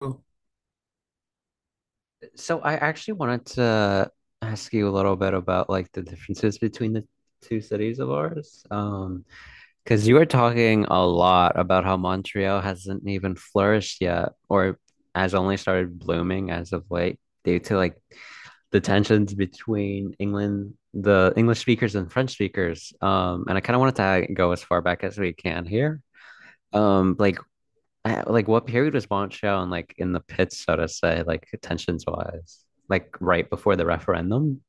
Oh, So I actually wanted to ask you a little bit about like the differences between the two cities of ours. Because you were talking a lot about how Montreal hasn't even flourished yet, or has only started blooming as of late, due to like the tensions between England, the English speakers and French speakers. And I kind of wanted to go as far back as we can here. Um, like like what period was Montreal in, like in the pits, so to say, like tensions wise? Like right before the referendum?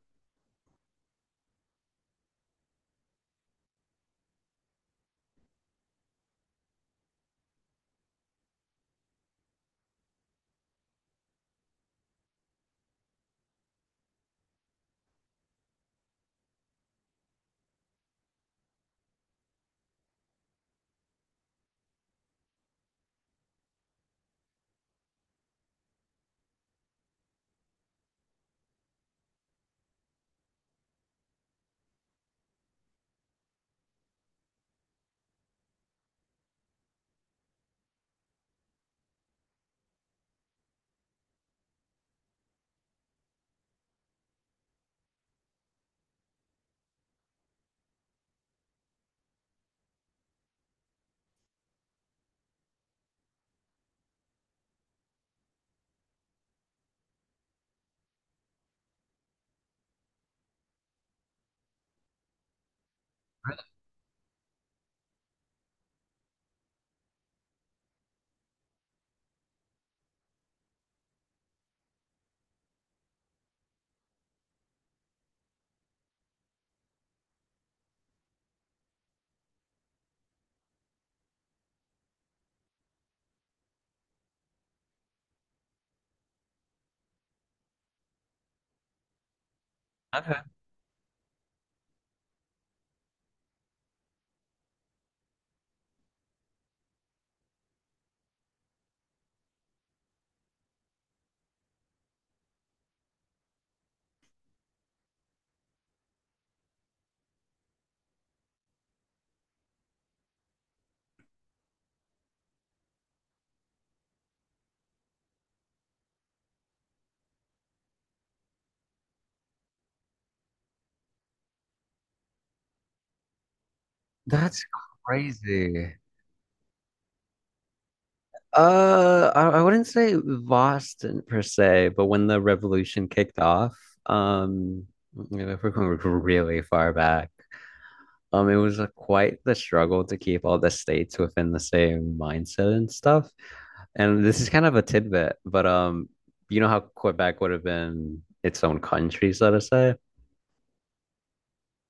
That's crazy. I wouldn't say Boston per se, but when the revolution kicked off, um, you know, if we're going really far back, it was quite the struggle to keep all the states within the same mindset and stuff. And this is kind of a tidbit, but you know how Quebec would have been its own country, so to say.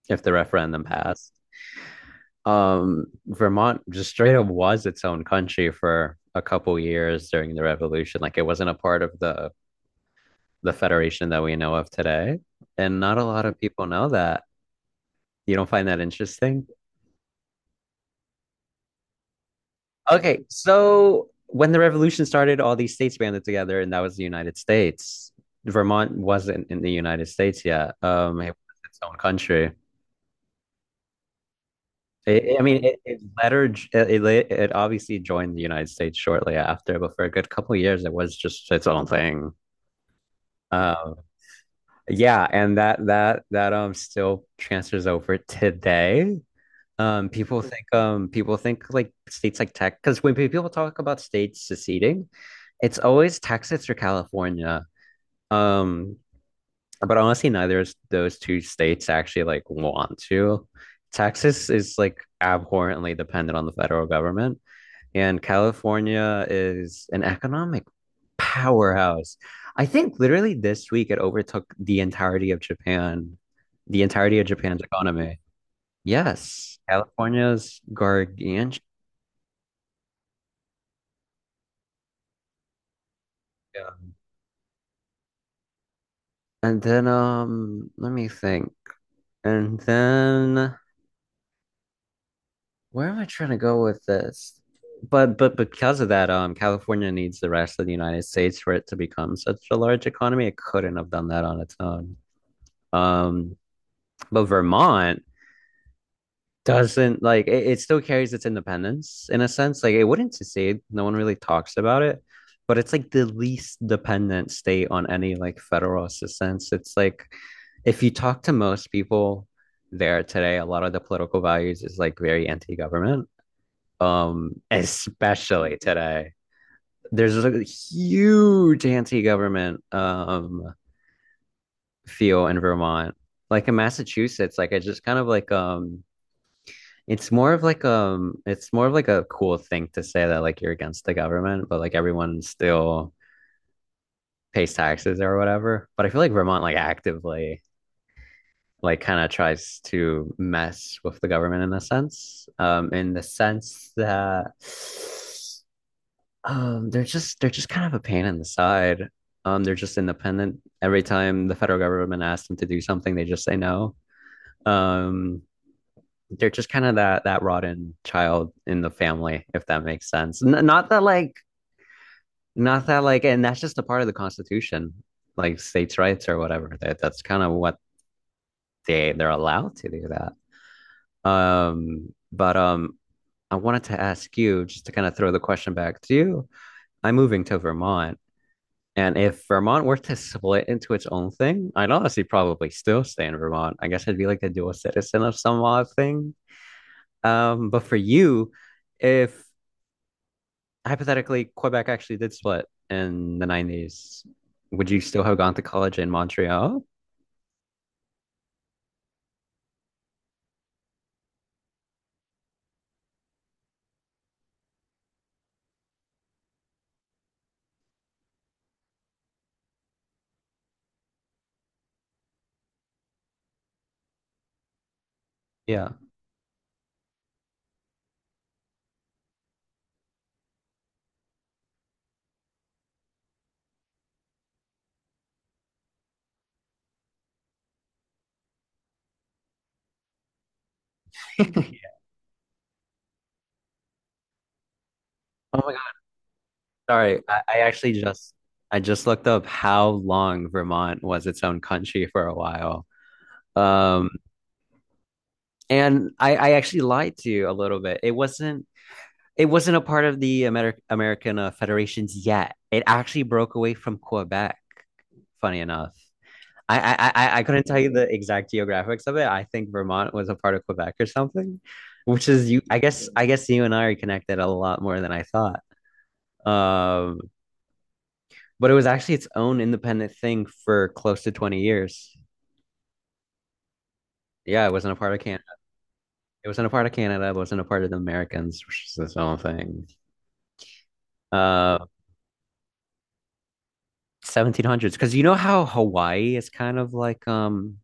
If the referendum passed. Vermont just straight up was its own country for a couple years during the revolution. Like it wasn't a part of the federation that we know of today, and not a lot of people know that. You don't find that interesting? Okay, so when the revolution started, all these states banded together, and that was the United States. Vermont wasn't in the United States yet. It was its own country. It, I mean, it lettered, it obviously joined the United States shortly after, but for a good couple of years, it was just its own thing. Um, yeah, and that still transfers over today. People think like states like Texas, because when people talk about states seceding, it's always Texas or California. Um, but honestly, neither of those two states actually like want to. Texas is like abhorrently dependent on the federal government. And California is an economic powerhouse. I think literally this week it overtook the entirety of Japan, the entirety of Japan's economy. Yes, California's gargantuan. And then let me think. And then where am I trying to go with this? But because of that, California needs the rest of the United States for it to become such a large economy. It couldn't have done that on its own. Um, but Vermont doesn't like it still carries its independence in a sense. Like it wouldn't secede. No one really talks about it, but it's like the least dependent state on any like federal assistance. It's like if you talk to most people there today, a lot of the political values is like very anti-government. Especially today. There's a huge anti-government feel in Vermont. Like in Massachusetts, like I just kind of like it's more of like it's more of like a cool thing to say that like you're against the government, but like everyone still pays taxes or whatever. But I feel like Vermont like actively like kind of tries to mess with the government in a sense. In the sense that they're just kind of a pain in the side. They're just independent. Every time the federal government asks them to do something, they just say no. Um they're just kind of that rotten child in the family, if that makes sense. N- not that like, not that like, And that's just a part of the Constitution, like states' rights or whatever. That's kind of what they're allowed to do that. But I wanted to ask you just to kind of throw the question back to you. I'm moving to Vermont, and if Vermont were to split into its own thing, I'd honestly probably still stay in Vermont. I guess I'd be like a dual citizen of some odd thing. But for you, if hypothetically Quebec actually did split in the 90s, would you still have gone to college in Montreal? Yeah. Oh my God, sorry. I actually just I just looked up how long Vermont was its own country for a while. Um, I actually lied to you a little bit. It wasn't a part of the American federations yet. It actually broke away from Quebec. Funny enough, I couldn't tell you the exact geographics of it. I think Vermont was a part of Quebec or something, which is you. I guess you and I are connected a lot more than I thought. Um, but it was actually its own independent thing for close to 20 years. Yeah, it wasn't a part of Canada. It wasn't a part of Canada. It wasn't a part of the Americans, which is its own thing. Um, 1700s, because you know how Hawaii is kind of like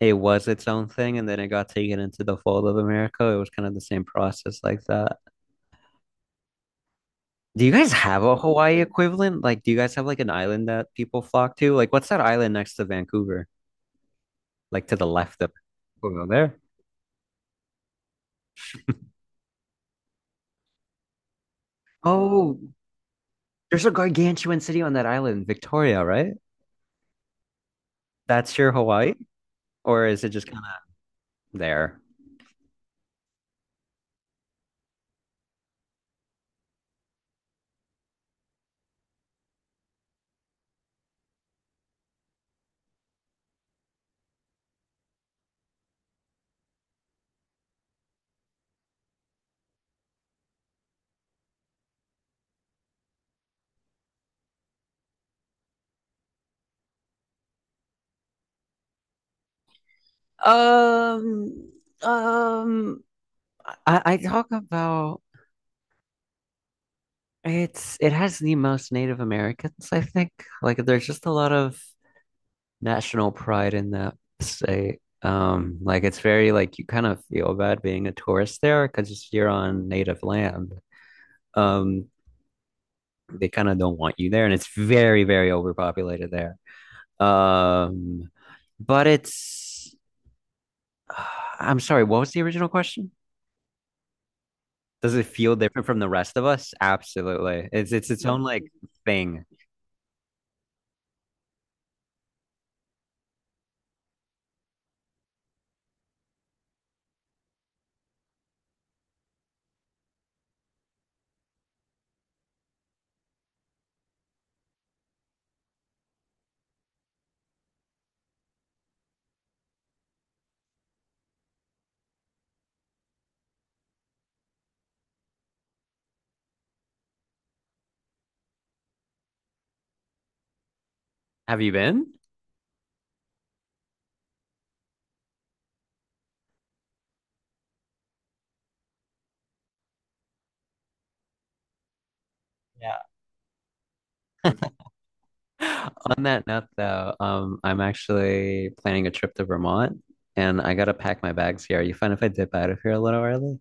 it was its own thing and then it got taken into the fold of America. It was kind of the same process like that. Do you guys have a Hawaii equivalent? Like, do you guys have like an island that people flock to? Like, what's that island next to Vancouver? Like to the left of over there. Oh, there's a gargantuan city on that island, Victoria, right? That's your Hawaii, or is it just kind of there? Um, um, I talk about It's it has the most Native Americans, I think. Like there's just a lot of national pride in that state. Like it's very like you kind of feel bad being a tourist there because you're on native land. Um, they kind of don't want you there, and it's very, very overpopulated there. Um, but it's I'm sorry, what was the original question? Does it feel different from the rest of us? Absolutely. It's its Yeah. own like thing. Have you been? Yeah. On that note, though, I'm actually planning a trip to Vermont and I gotta pack my bags here. Are you fine if I dip out of here a little early?